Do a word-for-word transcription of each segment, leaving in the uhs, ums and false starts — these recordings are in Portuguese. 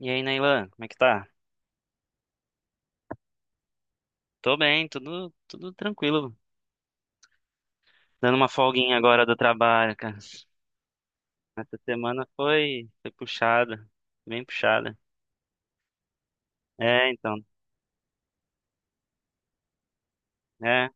E aí, Nailan, como é que tá? Tô bem, tudo, tudo tranquilo. Dando uma folguinha agora do trabalho, cara. Essa semana foi, foi puxada, bem puxada. É, então, é,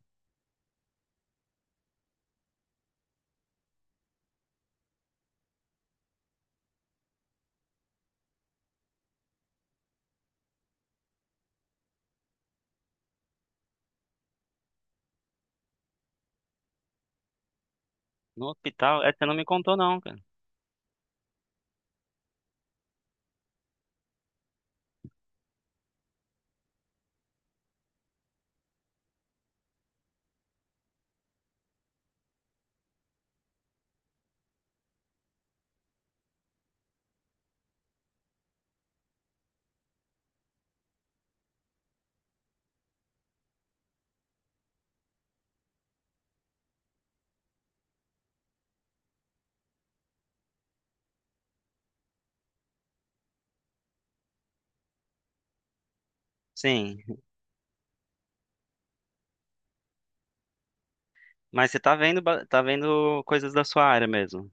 no hospital, é, você não me contou não, cara. Sim, mas você tá vendo, ba- tá vendo coisas da sua área mesmo.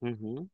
Uhum.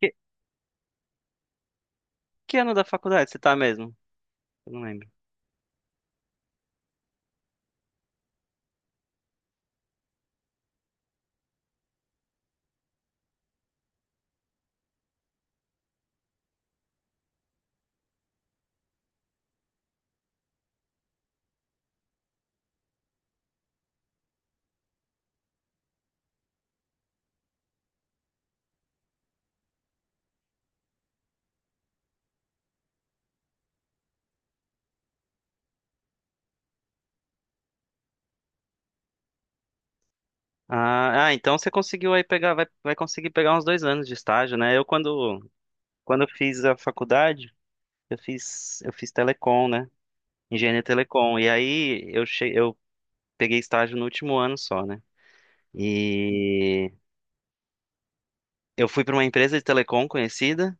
Que, que ano da faculdade você tá mesmo? Eu não lembro. Ah, ah, então você conseguiu aí pegar, vai, vai conseguir pegar uns dois anos de estágio, né? Eu, quando, quando eu fiz a faculdade, eu fiz, eu fiz telecom, né? Engenharia telecom. E aí eu, che... eu peguei estágio no último ano só, né? E eu fui para uma empresa de telecom conhecida.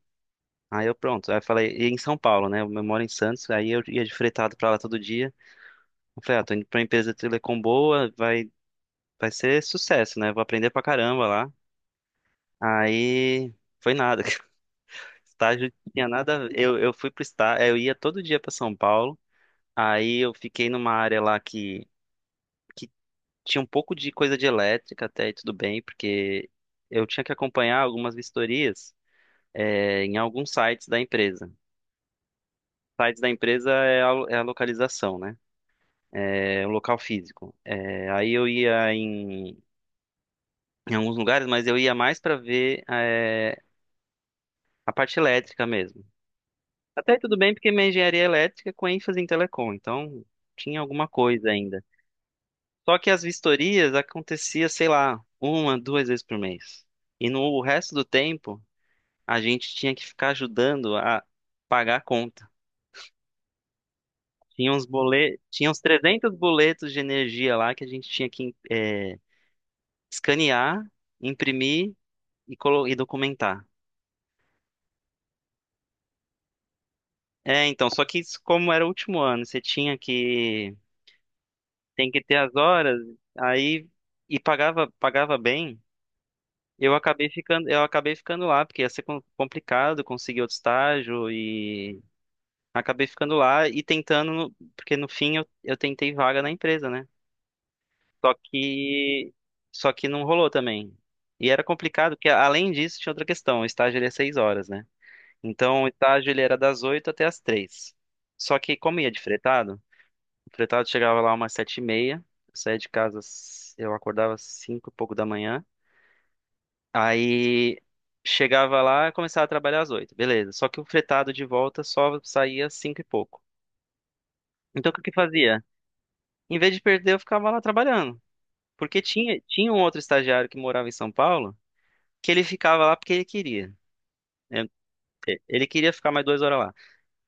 Aí eu pronto, aí eu falei, e em São Paulo, né? Eu moro em Santos, aí eu ia de fretado para lá todo dia. Eu falei, ah, tô indo pra uma empresa de telecom boa, vai, vai ser sucesso, né? Vou aprender pra caramba lá. Aí foi nada. Estágio não tinha nada a ver. Eu, eu fui pro estágio, eu ia todo dia para São Paulo. Aí eu fiquei numa área lá que, que tinha um pouco de coisa de elétrica até, e tudo bem, porque eu tinha que acompanhar algumas vistorias, é, em alguns sites da empresa. Sites da empresa é a, é a localização, né? É o local físico. É, aí eu ia em, em alguns lugares, mas eu ia mais para ver, é, a parte elétrica mesmo. Até tudo bem, porque minha engenharia é elétrica, é com ênfase em telecom, então tinha alguma coisa ainda. Só que as vistorias acontecia, sei lá, uma, duas vezes por mês. E no resto do tempo, a gente tinha que ficar ajudando a pagar a conta. Tinha uns boletos, tinha uns trezentos boletos de energia lá que a gente tinha que eh, escanear, imprimir e, colo- e documentar. É, então, só que isso, como era o último ano, você tinha que tem que ter as horas, aí, e pagava pagava bem. Eu acabei ficando, eu acabei ficando lá porque ia ser com- complicado conseguir outro estágio, e acabei ficando lá e tentando, no- porque no fim eu, eu tentei vaga na empresa, né? Só que só que não rolou também. E era complicado, porque além disso tinha outra questão: o estágio ele é seis horas, né? Então o estágio ele era das oito até as três. Só que como ia de fretado, o fretado chegava lá umas sete e meia, eu saía de casa, às- eu acordava às cinco e pouco da manhã, aí chegava lá e começava a trabalhar às oito, beleza. Só que o fretado de volta só saía às cinco e pouco. Então o que que eu fazia? Em vez de perder, eu ficava lá trabalhando. Porque tinha, tinha um outro estagiário que morava em São Paulo, que ele ficava lá porque ele queria, né? É, ele queria ficar mais duas horas lá.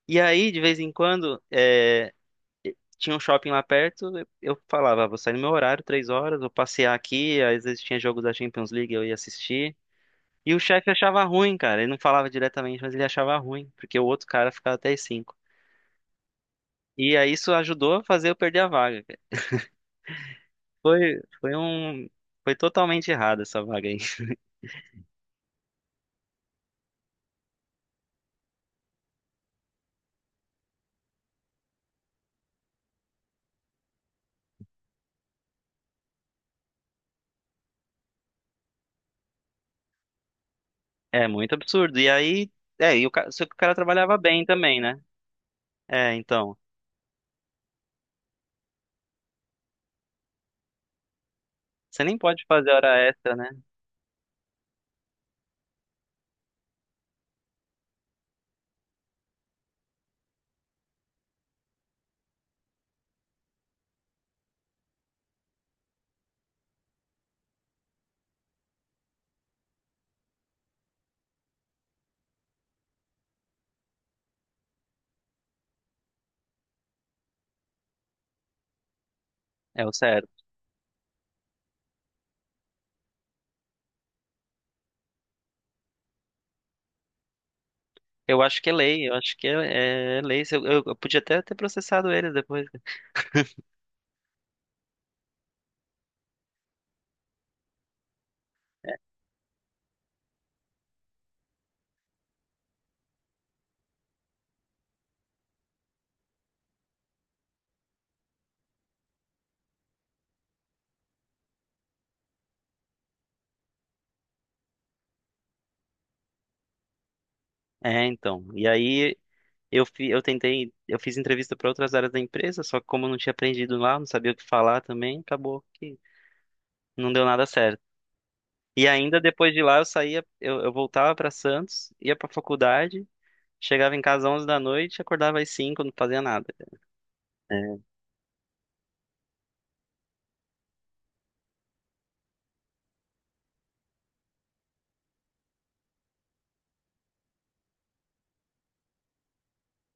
E aí, de vez em quando, é, tinha um shopping lá perto. Eu eu falava: "Ah, vou sair no meu horário, três horas, vou passear aqui." Às vezes tinha jogo da Champions League, eu ia assistir. E o chefe achava ruim, cara. Ele não falava diretamente, mas ele achava ruim, porque o outro cara ficava até as cinco. E aí isso ajudou a fazer eu perder a vaga, cara. Foi, foi um, foi totalmente errado essa vaga aí. É muito absurdo. E aí, é, e o, ca- só que o cara trabalhava bem também, né? É, então. Você nem pode fazer hora extra, né? É o certo. Eu acho que é lei, eu acho que é, é lei. Se Eu, eu, eu podia até ter processado eles depois. É, então. E aí eu, fi, eu tentei, eu fiz entrevista para outras áreas da empresa, só que como eu não tinha aprendido lá, não sabia o que falar também, acabou que não deu nada certo. E ainda, depois de lá eu saía, eu, eu voltava para Santos, ia para faculdade, chegava em casa às onze da noite, acordava às cinco, não fazia nada. É,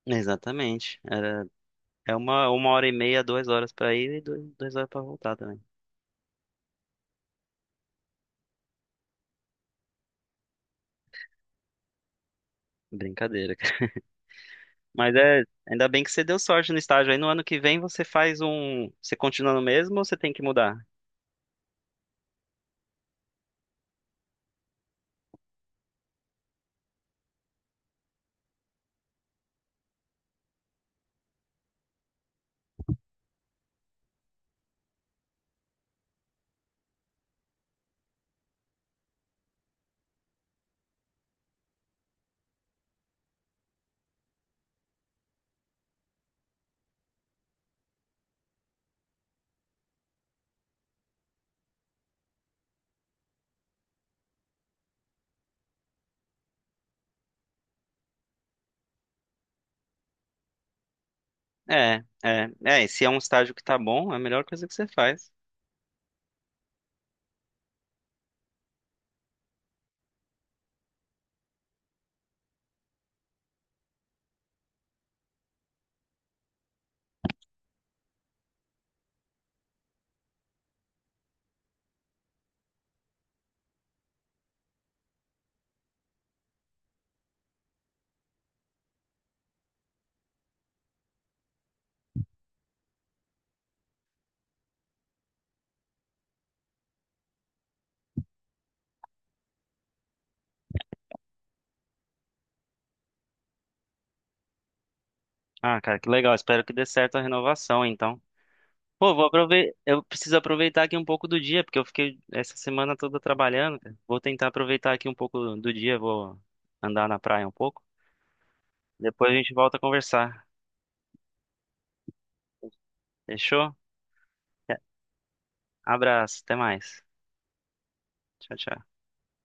exatamente. Era É uma, uma hora e meia, duas horas pra ir, e dois, duas horas pra voltar também. Brincadeira, cara. Mas é, ainda bem que você deu sorte no estágio. Aí no ano que vem você faz um. Você continua no mesmo ou você tem que mudar? É, é. É, e se é um estágio que tá bom, é a melhor coisa que você faz. Ah, cara, que legal. Espero que dê certo a renovação, então. Pô, vou aproveitar. Eu preciso aproveitar aqui um pouco do dia, porque eu fiquei essa semana toda trabalhando, cara. Vou tentar aproveitar aqui um pouco do dia, vou andar na praia um pouco. Depois a gente volta a conversar. Fechou? Abraço, até mais. Tchau, tchau.